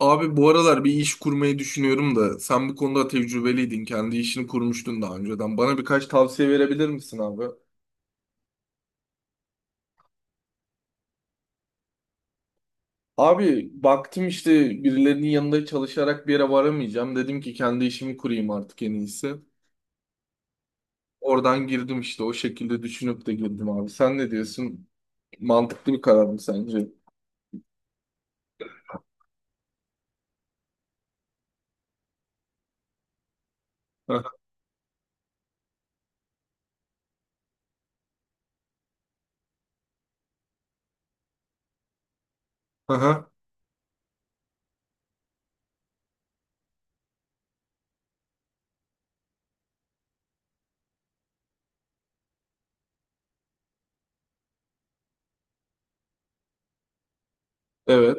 Abi, bu aralar bir iş kurmayı düşünüyorum da sen bu konuda tecrübeliydin. Kendi işini kurmuştun daha önceden. Bana birkaç tavsiye verebilir misin abi? Abi, baktım işte birilerinin yanında çalışarak bir yere varamayacağım. Dedim ki kendi işimi kurayım artık, en iyisi. Oradan girdim işte, o şekilde düşünüp de girdim abi. Sen ne diyorsun? Mantıklı bir karar mı sence? Aha, aha, evet.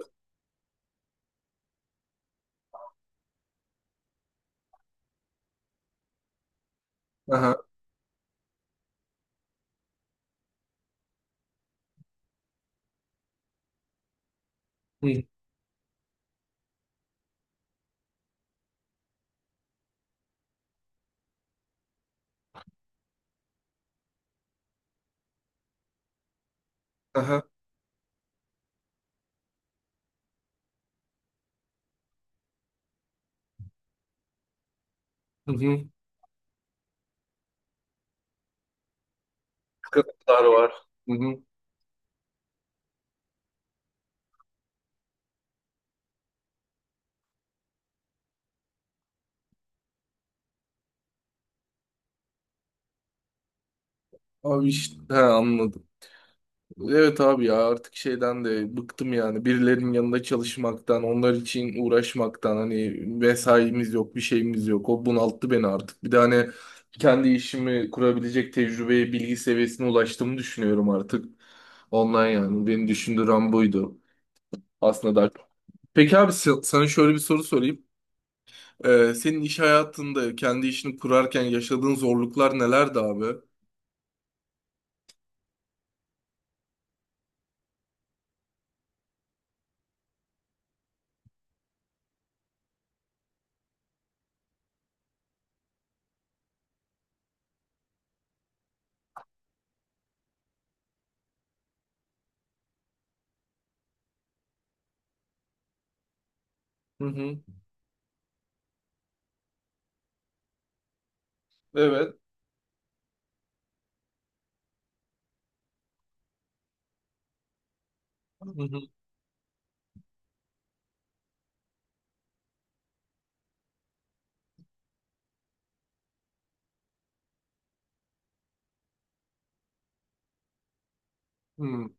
Aha. Hı. Aha. Hı hı. Sıkıntılar var. Hı hı. Abi işte he, anladım. Evet abi, ya artık şeyden de bıktım, yani birilerinin yanında çalışmaktan, onlar için uğraşmaktan. Hani vesaimiz yok, bir şeyimiz yok, o bunalttı beni artık. Bir de hani kendi işimi kurabilecek tecrübeye, bilgi seviyesine ulaştığımı düşünüyorum artık. Ondan, yani beni düşündüren buydu aslında da. Peki abi, sana şöyle bir soru sorayım. Senin iş hayatında kendi işini kurarken yaşadığın zorluklar nelerdi abi? Hı hı. Evet. Hı hı. Hı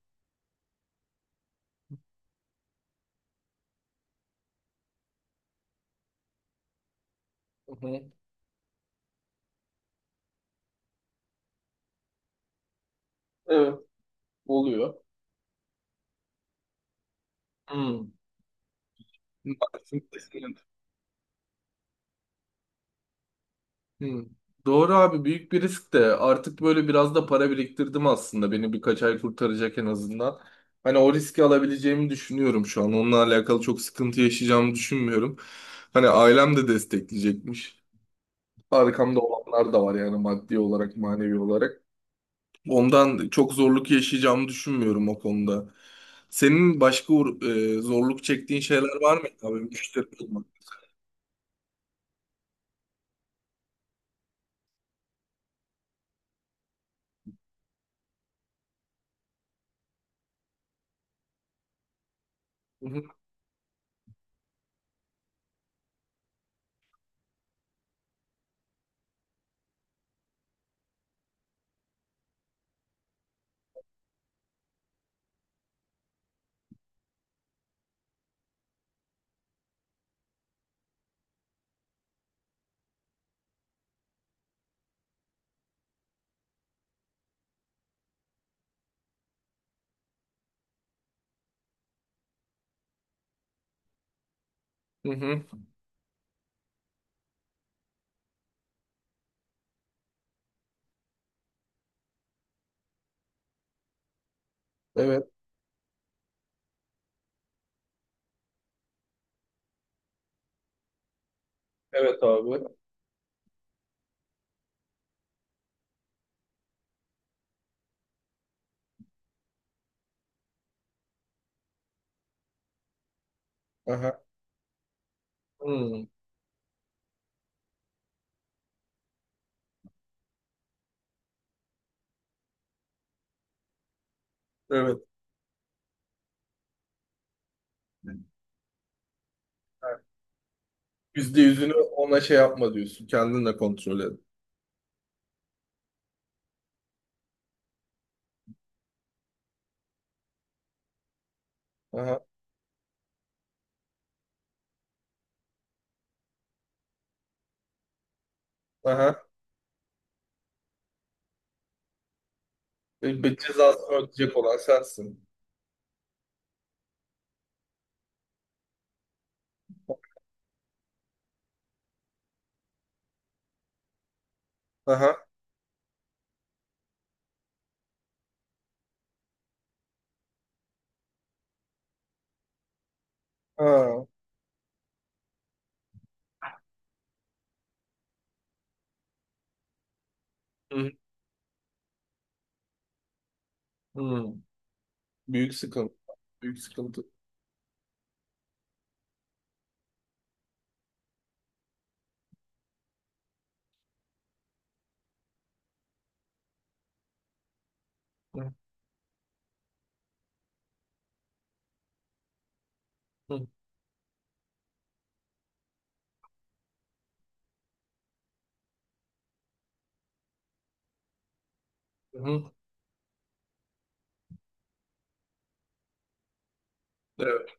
hı. Evet. Oluyor. Hmm. Bak, şimdi düşünün. Hmm. Doğru abi, büyük bir risk de artık böyle biraz da para biriktirdim, aslında beni birkaç ay kurtaracak en azından. Hani o riski alabileceğimi düşünüyorum şu an. Onunla alakalı çok sıkıntı yaşayacağımı düşünmüyorum. Hani ailem de destekleyecekmiş. Arkamda olanlar da var, yani maddi olarak, manevi olarak. Ondan çok zorluk yaşayacağımı düşünmüyorum o konuda. Senin başka zorluk çektiğin şeyler var mı abi, müşteri olmak? Hı hı. Hı hı. Evet. Evet abi. Aha. Hmm. Evet. Ha, yüzde yüzünü ona şey yapma diyorsun. Kendinle kontrol et. Aha. Aha. Cezasını ödeyecek olan sensin. Aha. Ha. Hı. Hı. Hmm. Büyük sıkıntı. Büyük sıkıntı. Hı. Hı. Hı. Evet.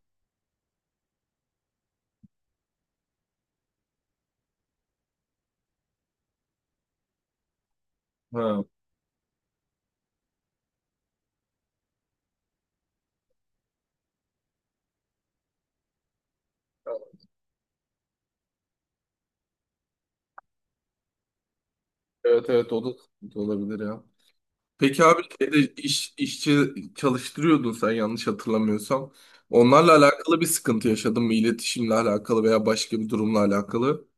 Ha. Evet, evet, o da sıkıntı olabilir ya. Peki abi, şeyde iş, işçi çalıştırıyordun sen, yanlış hatırlamıyorsam. Onlarla alakalı bir sıkıntı yaşadın mı? İletişimle alakalı veya başka bir durumla alakalı?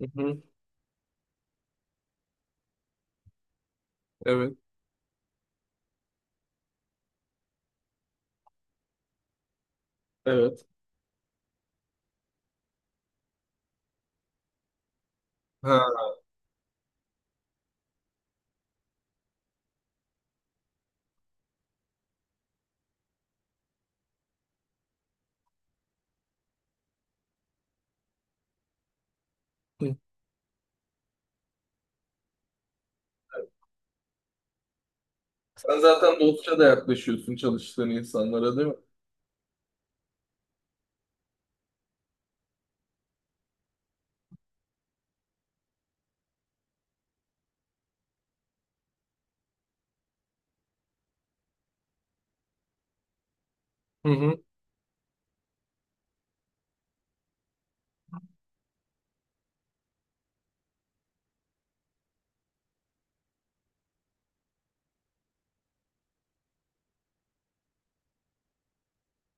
Hı hı. Evet. Evet. Ha. Hı. Sen zaten dostça da yaklaşıyorsun çalıştığın insanlara, değil mi? Hı hı.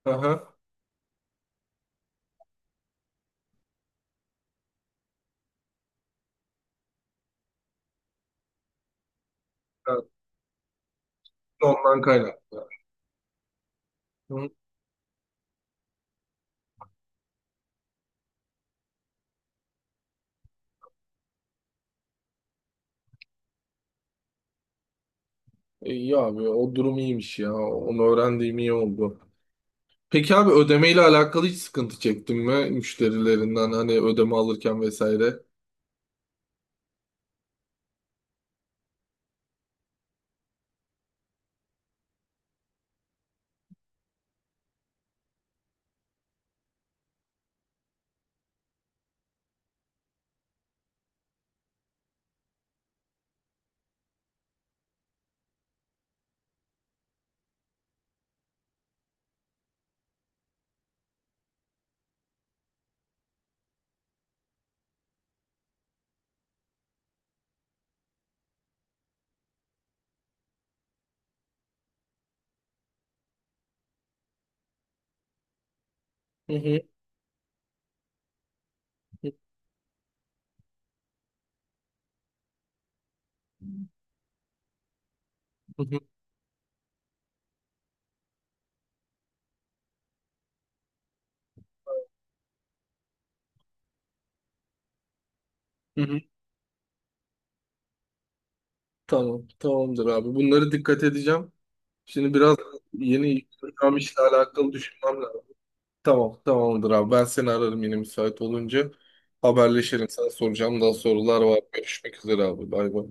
Aha. Evet. Ondan kaynaklı. Hı. İyi abi, o durum iyiymiş ya. Onu öğrendiğim iyi oldu. Peki abi, ödemeyle alakalı hiç sıkıntı çektin mi müşterilerinden, hani ödeme alırken vesaire? Hı hı, hı hı, hı hı. Tamam, tamamdır abi. Bunları dikkat edeceğim. Şimdi biraz yeni yapacağım işle alakalı düşünmem lazım. Tamam, tamamdır abi. Ben seni ararım yine müsait olunca. Haberleşelim. Sana soracağım daha sorular var. Görüşmek üzere abi. Bay bay.